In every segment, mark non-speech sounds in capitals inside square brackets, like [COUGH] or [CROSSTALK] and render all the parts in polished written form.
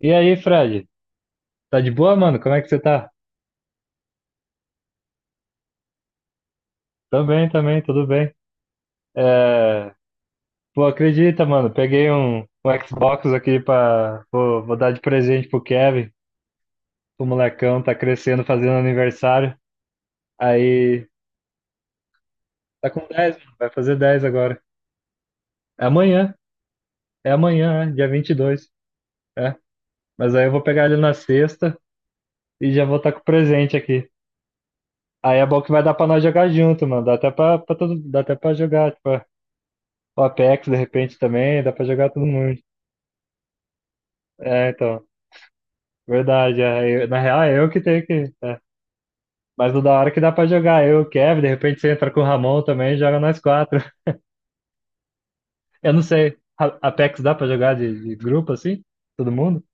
E aí, Fred? Tá de boa, mano? Como é que você tá? Também, também, tudo bem. É... Pô, acredita, mano, peguei um Xbox aqui pra. Vou dar de presente pro Kevin. O molecão tá crescendo, fazendo aniversário. Aí. Tá com 10, mano. Vai fazer 10 agora. É amanhã. É amanhã, é, dia 22. É. Mas aí eu vou pegar ele na sexta e já vou estar tá com o presente aqui. Aí é bom que vai dar pra nós jogar junto, mano. Dá até pra todo... Dá até pra jogar, tipo, o Apex de repente também. Dá pra jogar todo mundo. É, então, verdade. Na real, é eu que tenho que. Mas o da hora que dá pra jogar, eu, o Kevin, de repente você entra com o Ramon também e joga nós quatro. [LAUGHS] Eu não sei, Apex dá pra jogar de grupo assim? Todo mundo?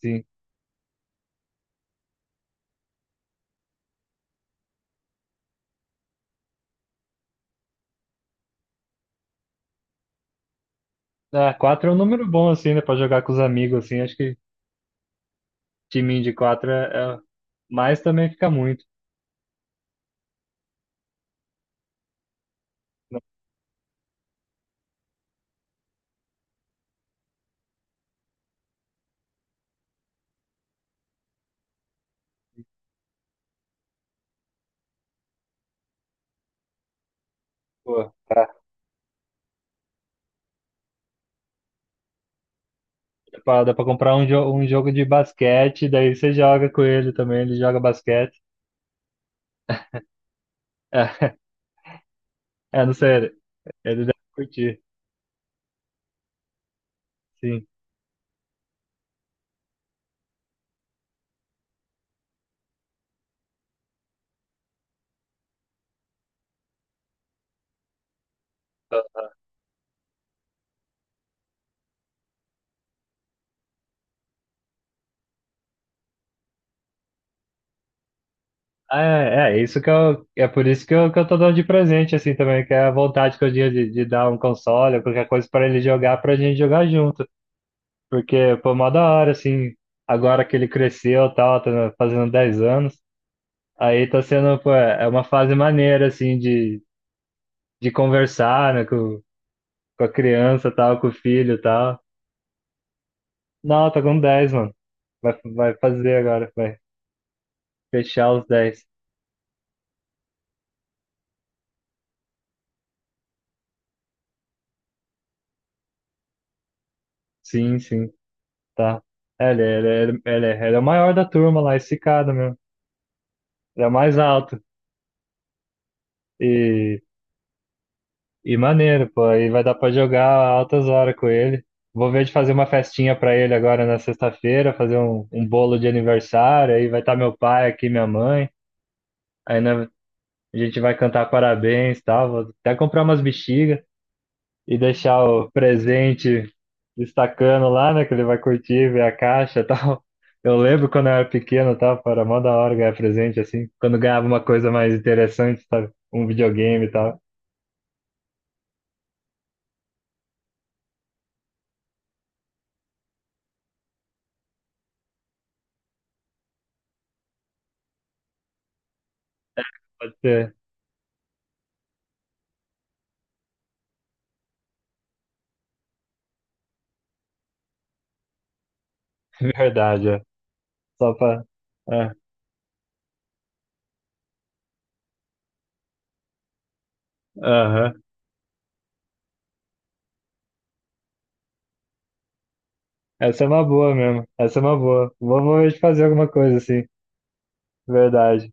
Sim. Ah, quatro é um número bom assim, né? Pra jogar com os amigos assim. Acho que timinho de quatro é. Mas também fica muito. Né? Pô, dá dá pra comprar um, jo um jogo de basquete, daí você joga com ele também, ele joga basquete. [LAUGHS] É, não sei, ele deve curtir. Sim. É, é isso que eu, é por isso que eu tô dando de presente, assim, também, que é a vontade que eu tinha de dar um console ou qualquer coisa pra ele jogar, pra gente jogar junto. Porque, pô, mó da hora, assim, agora que ele cresceu e tal, tá fazendo 10 anos, aí tá sendo, pô, é uma fase maneira, assim, de conversar, né, com a criança tal, com o filho tal. Não, tá com 10 mano. Vai fazer agora, vai fechar os 10. Sim, sim. Tá? É, ele é o maior da turma lá, esse cara, meu. Ele é o mais alto. E, e maneiro, pô. Aí vai dar pra jogar altas horas com ele. Vou ver de fazer uma festinha pra ele agora na sexta-feira, fazer um, um bolo de aniversário. Aí vai estar meu pai aqui, minha mãe. Aí né, a gente vai cantar parabéns e tal. Vou até comprar umas bexigas. E deixar o presente destacando lá, né? Que ele vai curtir, ver a caixa e [LAUGHS] tal. Eu lembro quando eu era pequeno, tá? Era mó da hora ganhar presente, assim. Quando ganhava uma coisa mais interessante, sabe? Um videogame e tal. Pode ser [LAUGHS] verdade, é. Só pra. É. Aham. Essa é uma boa mesmo. Essa é uma boa. Vamos fazer alguma coisa assim. Verdade.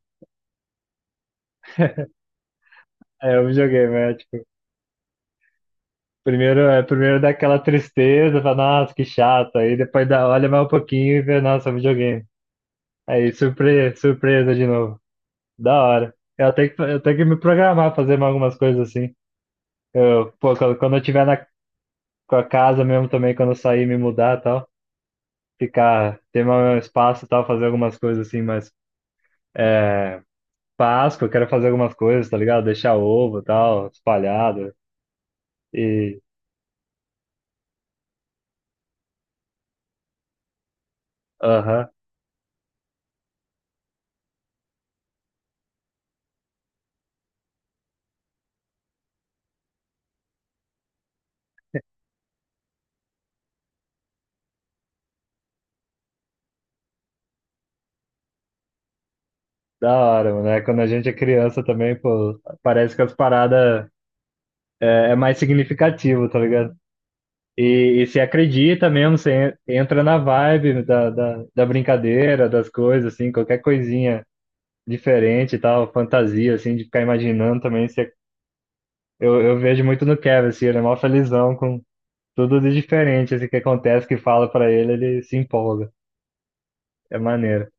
É, o videogame, é tipo, primeiro, é, primeiro dá aquela tristeza, fala, nossa, que chato. Aí depois dá, olha mais um pouquinho e vê, nossa, é um videogame. Aí, surpresa, surpresa de novo. Da hora. Eu tenho que me programar, fazer mais algumas coisas assim. Eu, pô, quando eu tiver na com a casa mesmo também, quando eu sair, me mudar e tal, ficar, ter meu espaço e tal, fazer algumas coisas assim, mas é, Páscoa, eu quero fazer algumas coisas, tá ligado? Deixar ovo e tal, espalhado. E, aham, da hora, mano. É, quando a gente é criança também, pô, parece que as paradas é mais significativo, tá ligado? E se acredita mesmo, você entra na vibe da brincadeira, das coisas, assim, qualquer coisinha diferente e tal, fantasia, assim, de ficar imaginando também. Você, eu vejo muito no Kevin, assim, ele é mó felizão com tudo de diferente, assim, que acontece, que fala pra ele, ele se empolga. É maneiro,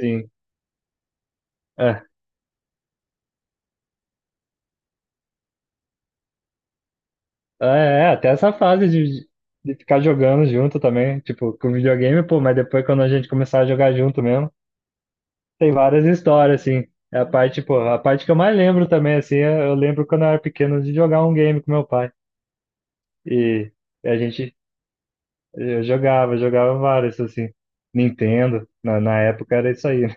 sim. É, ah, é, é, até essa fase de ficar jogando junto também, tipo, com videogame, pô, mas depois quando a gente começar a jogar junto mesmo. Tem várias histórias, assim. É a parte, pô, a parte que eu mais lembro também, assim, eu lembro quando eu era pequeno de jogar um game com meu pai. E a gente, eu jogava, jogava vários, assim. Nintendo, na época era isso aí, né?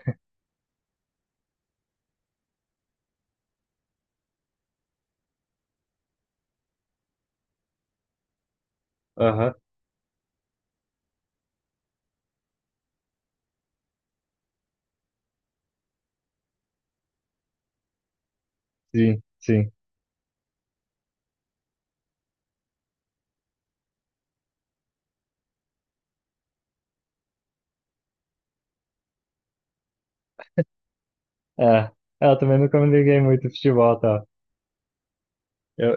Aham, sim, sim. É, é, eu também nunca me liguei muito em futebol, tá? Eu,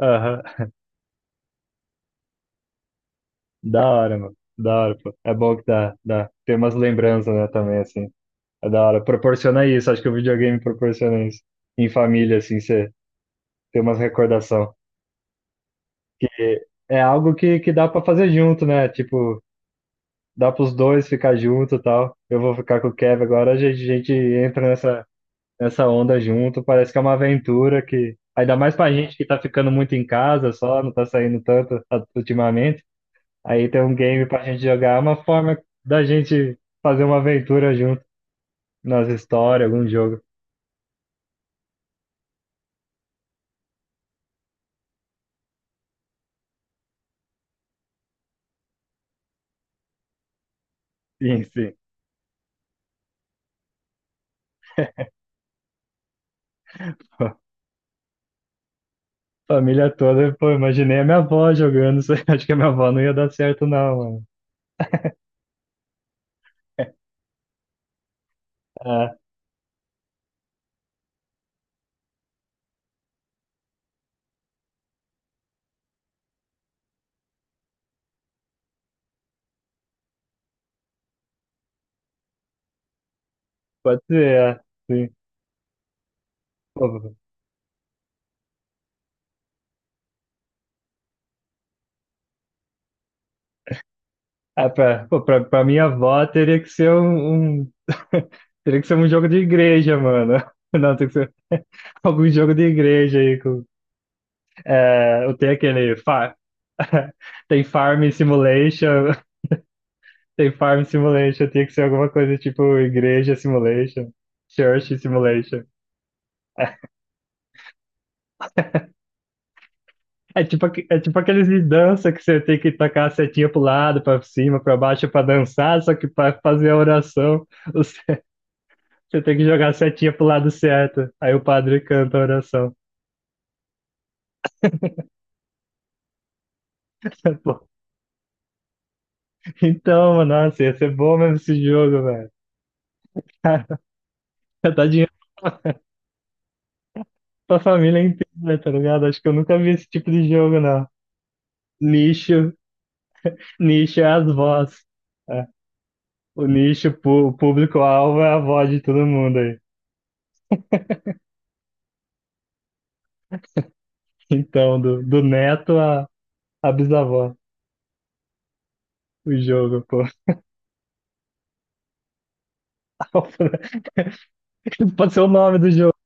aham, da hora, mano. Da hora, pô. É bom que dá. Tem umas lembranças, né, também, assim. É da hora. Proporciona isso, acho que o videogame proporciona isso. Em família, assim, você tem umas recordações. É algo que dá pra fazer junto, né? Tipo, dá pros dois ficar junto e tal. Eu vou ficar com o Kevin agora, a gente entra nessa, nessa onda junto. Parece que é uma aventura que. Ainda mais pra gente que tá ficando muito em casa só, não tá saindo tanto ultimamente. Aí ter um game pra gente jogar é uma forma da gente fazer uma aventura junto nas histórias, algum jogo. Sim, sim. [LAUGHS] Família toda, pô, imaginei a minha avó jogando. [LAUGHS] Acho que a minha avó não ia dar certo, não, mano. [LAUGHS] Ah, pode ser, é, sim. Pô, é, pra, pô, pra, pra minha avó teria que ser um, [LAUGHS] teria que ser um jogo de igreja, mano. [LAUGHS] Não, tem que ser [LAUGHS] algum jogo de igreja aí. Com, é, eu tenho aquele far, [LAUGHS] tem Farm Simulation, [LAUGHS] tem Farm Simulation, tem que ser alguma coisa tipo Igreja Simulation, Church Simulation. É tipo, é tipo aqueles de dança que você tem que tacar a setinha pro lado, pra cima, pra baixo, pra dançar, só que pra fazer a oração. Você tem que jogar a setinha pro lado certo. Aí o padre canta a oração. [LAUGHS] Então, mano, nossa, ia ser bom mesmo esse jogo, velho. [LAUGHS] Cara, tá dinheiro pra pra família inteira, tá ligado? Acho que eu nunca vi esse tipo de jogo, não. Nicho, nicho é as vozes. É. O nicho, o público-alvo é a voz de todo mundo aí. Então, do neto a à bisavó, o jogo, pô. [LAUGHS] Pode ser o nome do jogo.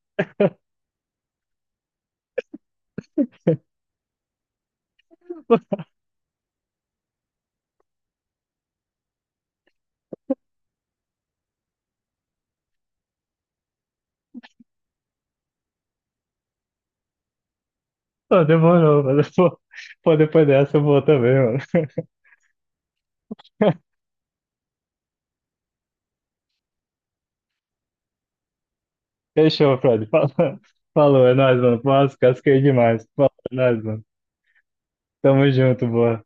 Pô, demorou, mas pô, pô, depois dessa eu vou também, mano. Fechou, Fred. Falou, [LAUGHS] falou, é nóis, mano. Nossa, casquei demais. Falou, é nóis, mano. Tamo junto, boa.